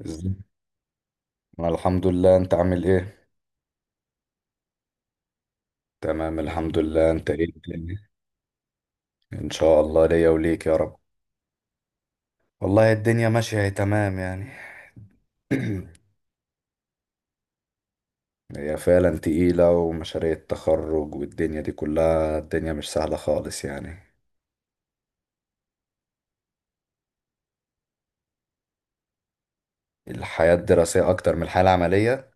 ازاي؟ الحمد لله، انت عامل ايه؟ تمام الحمد لله. انت ايه الدنيا؟ ان شاء الله ليا وليك يا رب. والله الدنيا ماشية، هي تمام يعني. هي فعلا تقيلة، ومشاريع التخرج والدنيا دي كلها، الدنيا مش سهلة خالص يعني. الحياة الدراسية أكتر من الحياة العملية؟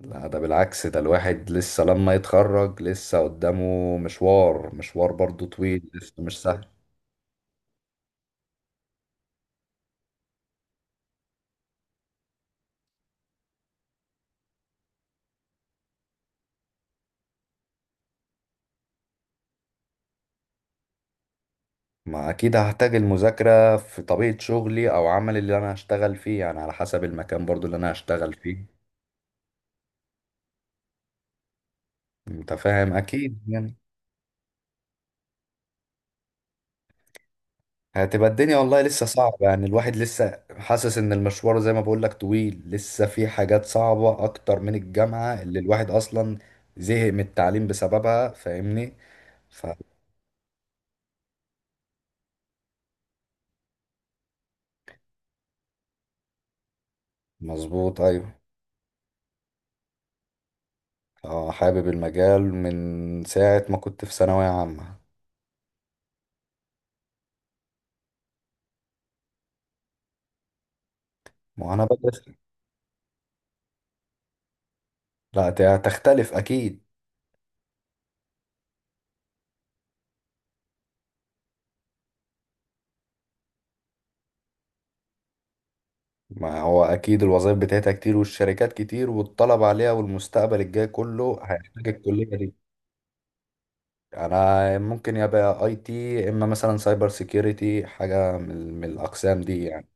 لا ده بالعكس، ده الواحد لسه لما يتخرج لسه قدامه مشوار برضو طويل، لسه مش سهل. ما اكيد هحتاج المذاكرة في طبيعة شغلي او عمل اللي انا هشتغل فيه، يعني على حسب المكان برضو اللي انا هشتغل فيه. انت فاهم اكيد يعني. هتبقى الدنيا والله لسه صعبة، يعني الواحد لسه حاسس ان المشوار زي ما بقولك طويل، لسه في حاجات صعبة اكتر من الجامعة اللي الواحد اصلا زهق من التعليم بسببها، فاهمني؟ فمظبوط ايوه. اه حابب المجال من ساعة ما كنت في ثانوية عامة. وانا بدرس. لا تختلف اكيد. ما هو أكيد الوظائف بتاعتها كتير، والشركات كتير، والطلب عليها والمستقبل الجاي كله هيحتاج الكلية دي. أنا ممكن يبقى أي تي، إما مثلا سايبر سيكيورتي، حاجة من الأقسام دي يعني.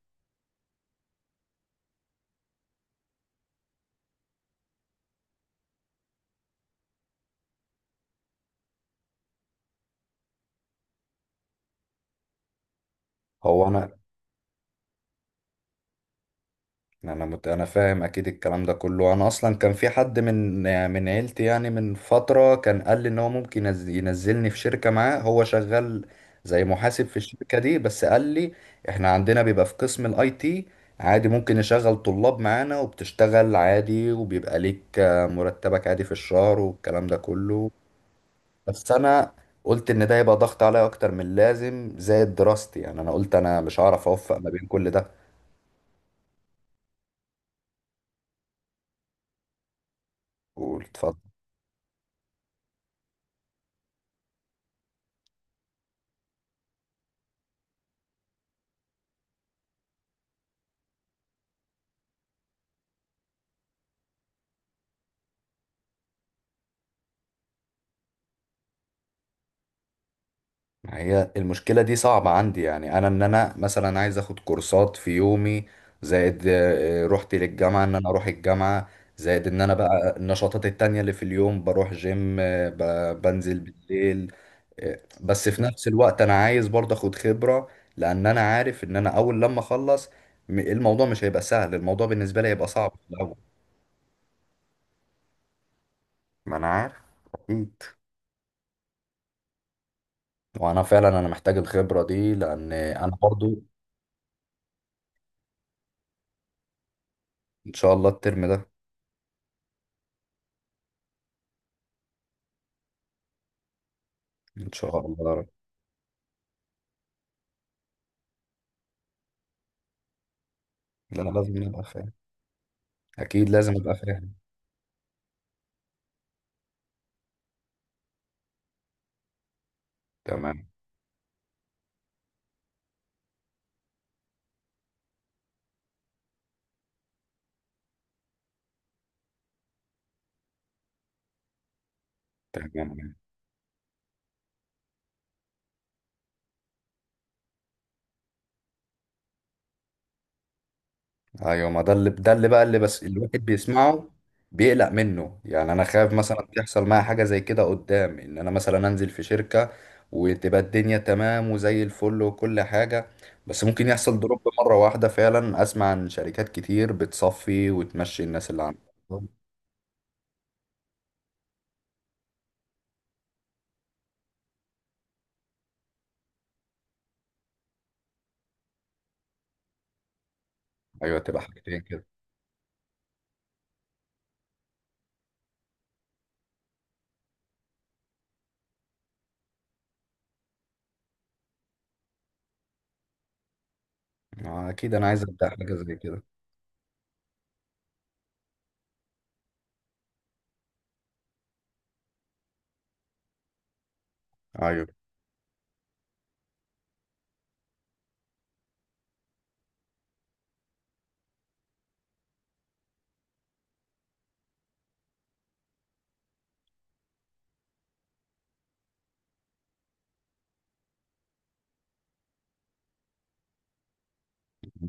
هو أنا انا فاهم اكيد الكلام ده كله. انا اصلا كان في حد من من عيلتي يعني، من فتره كان قال لي ان هو ممكن ينزلني في شركه معاه هو شغال زي محاسب في الشركه دي. بس قال لي احنا عندنا بيبقى في قسم الاي تي، عادي ممكن نشغل طلاب معانا وبتشتغل عادي، وبيبقى ليك مرتبك عادي في الشهر والكلام ده كله. بس انا قلت ان ده يبقى ضغط عليا اكتر من اللازم زائد دراستي، يعني انا قلت انا مش هعرف اوفق ما بين كل ده. قول اتفضل. ما هي المشكلة دي صعبة عندي، يعني أنا إن أنا مثلا عايز أخد كورسات في يومي، زائد روحتي للجامعة إن أنا أروح الجامعة، زائد إن أنا بقى النشاطات التانية اللي في اليوم، بروح جيم، بنزل بالليل. بس في نفس الوقت أنا عايز برضه أخد خبرة، لأن أنا عارف إن أنا أول لما أخلص الموضوع مش هيبقى سهل، الموضوع بالنسبة لي هيبقى صعب في الأول. ما أنا عارف. أكيد. وأنا فعلا أنا محتاج الخبرة دي لأن أنا برضه. إن شاء الله الترم ده. إن شاء الله. لا انا لازم ابقى فاهم، اكيد لازم ابقى فاهم. تمام تمام. ايوه، ما ده اللي ده اللي بقى اللي بس الواحد بيسمعه بيقلق منه، يعني انا خايف مثلا تحصل معايا حاجه زي كده قدام، ان انا مثلا انزل في شركه وتبقى الدنيا تمام وزي الفل وكل حاجه، بس ممكن يحصل دروب مره واحده. فعلا اسمع عن شركات كتير بتصفي وتمشي الناس اللي عندها. ايوه تبقى حاجتين كده. اكيد انا عايز ابدا حاجه زي كده. ايوه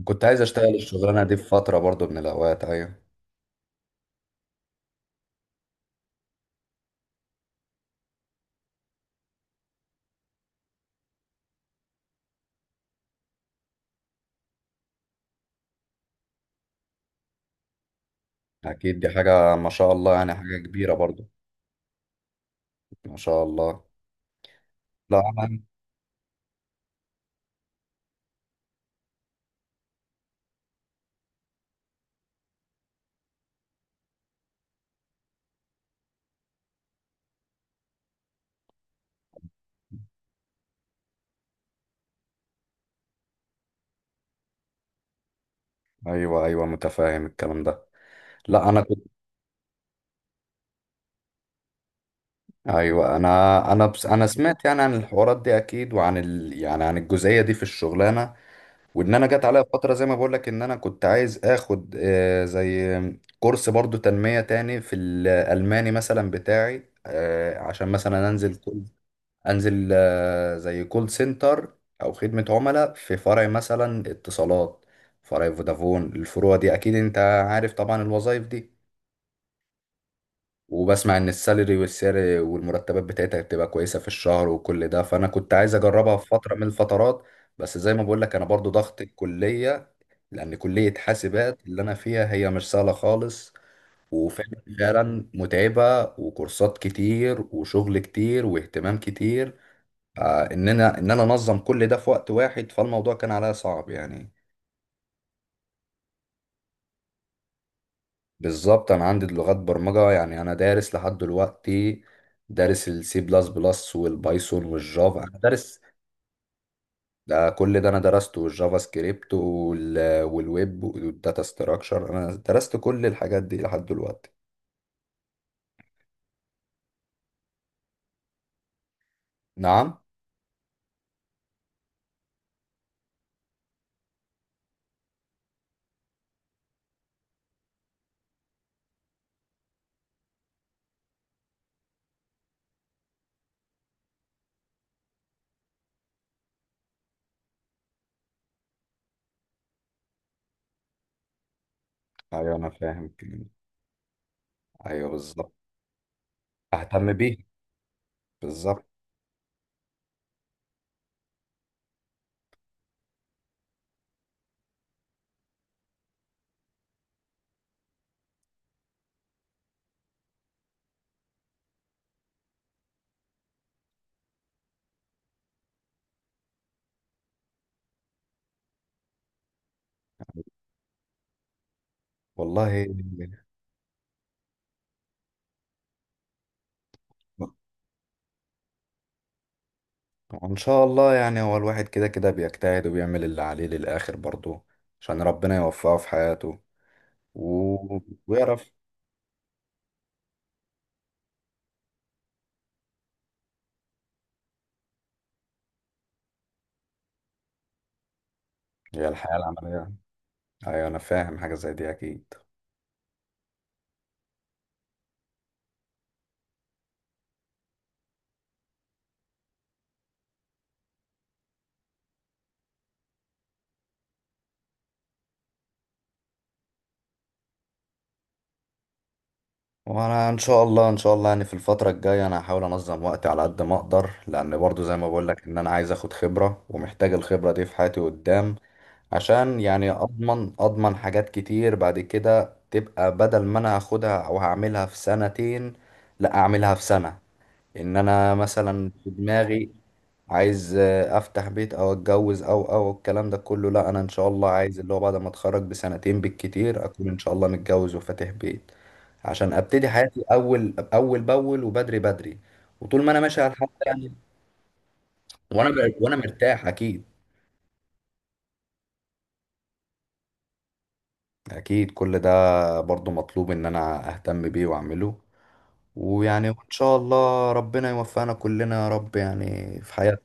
كنت عايز اشتغل الشغلانه دي في فتره برضو من الاوقات. ايوه اكيد، دي حاجه ما شاء الله يعني، حاجه كبيره برضو. ما شاء الله. لا انا. ايوه ايوه، متفاهم الكلام ده. لا انا كنت. ايوه انا. انا بس انا سمعت يعني عن الحوارات دي اكيد، وعن يعني عن الجزئيه دي في الشغلانه. وان انا جت عليا فتره، زي ما بقول لك ان انا كنت عايز اخد زي كورس برضو تنميه تاني في الالماني مثلا بتاعي، عشان مثلا انزل كل، انزل زي كول سنتر، او خدمة عملاء في فرع مثلا اتصالات، فرع فودافون، الفروع دي اكيد انت عارف طبعا الوظائف دي. وبسمع ان السالري والسعر والمرتبات بتاعتها بتبقى كويسة في الشهر وكل ده، فانا كنت عايز اجربها في فترة من الفترات. بس زي ما بقول لك انا برضو ضغط الكلية، لان كلية حاسبات اللي انا فيها هي مش سهلة خالص، وفعلا فعلاً متعبة، وكورسات كتير وشغل كتير واهتمام كتير. ان انا انظم كل ده في وقت واحد، فالموضوع كان عليا صعب يعني. بالظبط انا عندي لغات برمجه، يعني انا دارس لحد دلوقتي، دارس السي بلس بلس والبايثون والجافا. انا دارس ده، كل ده انا درسته، والجافا سكريبت والويب والداتا ستراكشر، انا درست كل الحاجات دي لحد دلوقتي. نعم. ايوه انا فاهم الكلام ده. ايوه بالظبط. اهتم بيه. بالظبط والله. وان شاء الله يعني، هو الواحد كده كده بيجتهد وبيعمل اللي عليه للاخر برضه عشان ربنا يوفقه في حياته، و... ويعرف. هي الحياة العملية. ايوه انا فاهم حاجة زي دي اكيد. وانا ان شاء الله، ان شاء الله يعني في الفترة الجاية انا هحاول انظم وقتي على قد ما اقدر، لان برضه زي ما بقول لك ان انا عايز اخد خبرة ومحتاج الخبرة دي في حياتي قدام، عشان يعني اضمن، اضمن حاجات كتير بعد كده، تبقى بدل ما انا هاخدها او هعملها في سنتين، لا اعملها في سنة. ان انا مثلا في دماغي عايز افتح بيت او اتجوز، او الكلام ده كله، لا انا ان شاء الله عايز اللي هو بعد ما اتخرج بسنتين بالكتير اكون ان شاء الله متجوز وفاتح بيت، عشان ابتدي حياتي اول اول باول، وبدري بدري. وطول ما انا ماشي على الحال ده يعني. وانا مرتاح اكيد. اكيد كل ده برضو مطلوب ان انا اهتم بيه واعمله. ويعني ان شاء الله ربنا يوفقنا كلنا يا رب، يعني في حياتنا.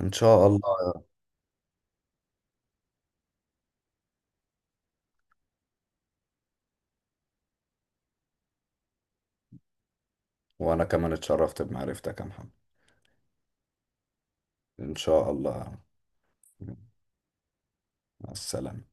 ان شاء الله. وانا كمان اتشرفت بمعرفتك يا محمد. إن شاء الله. مع السلامة.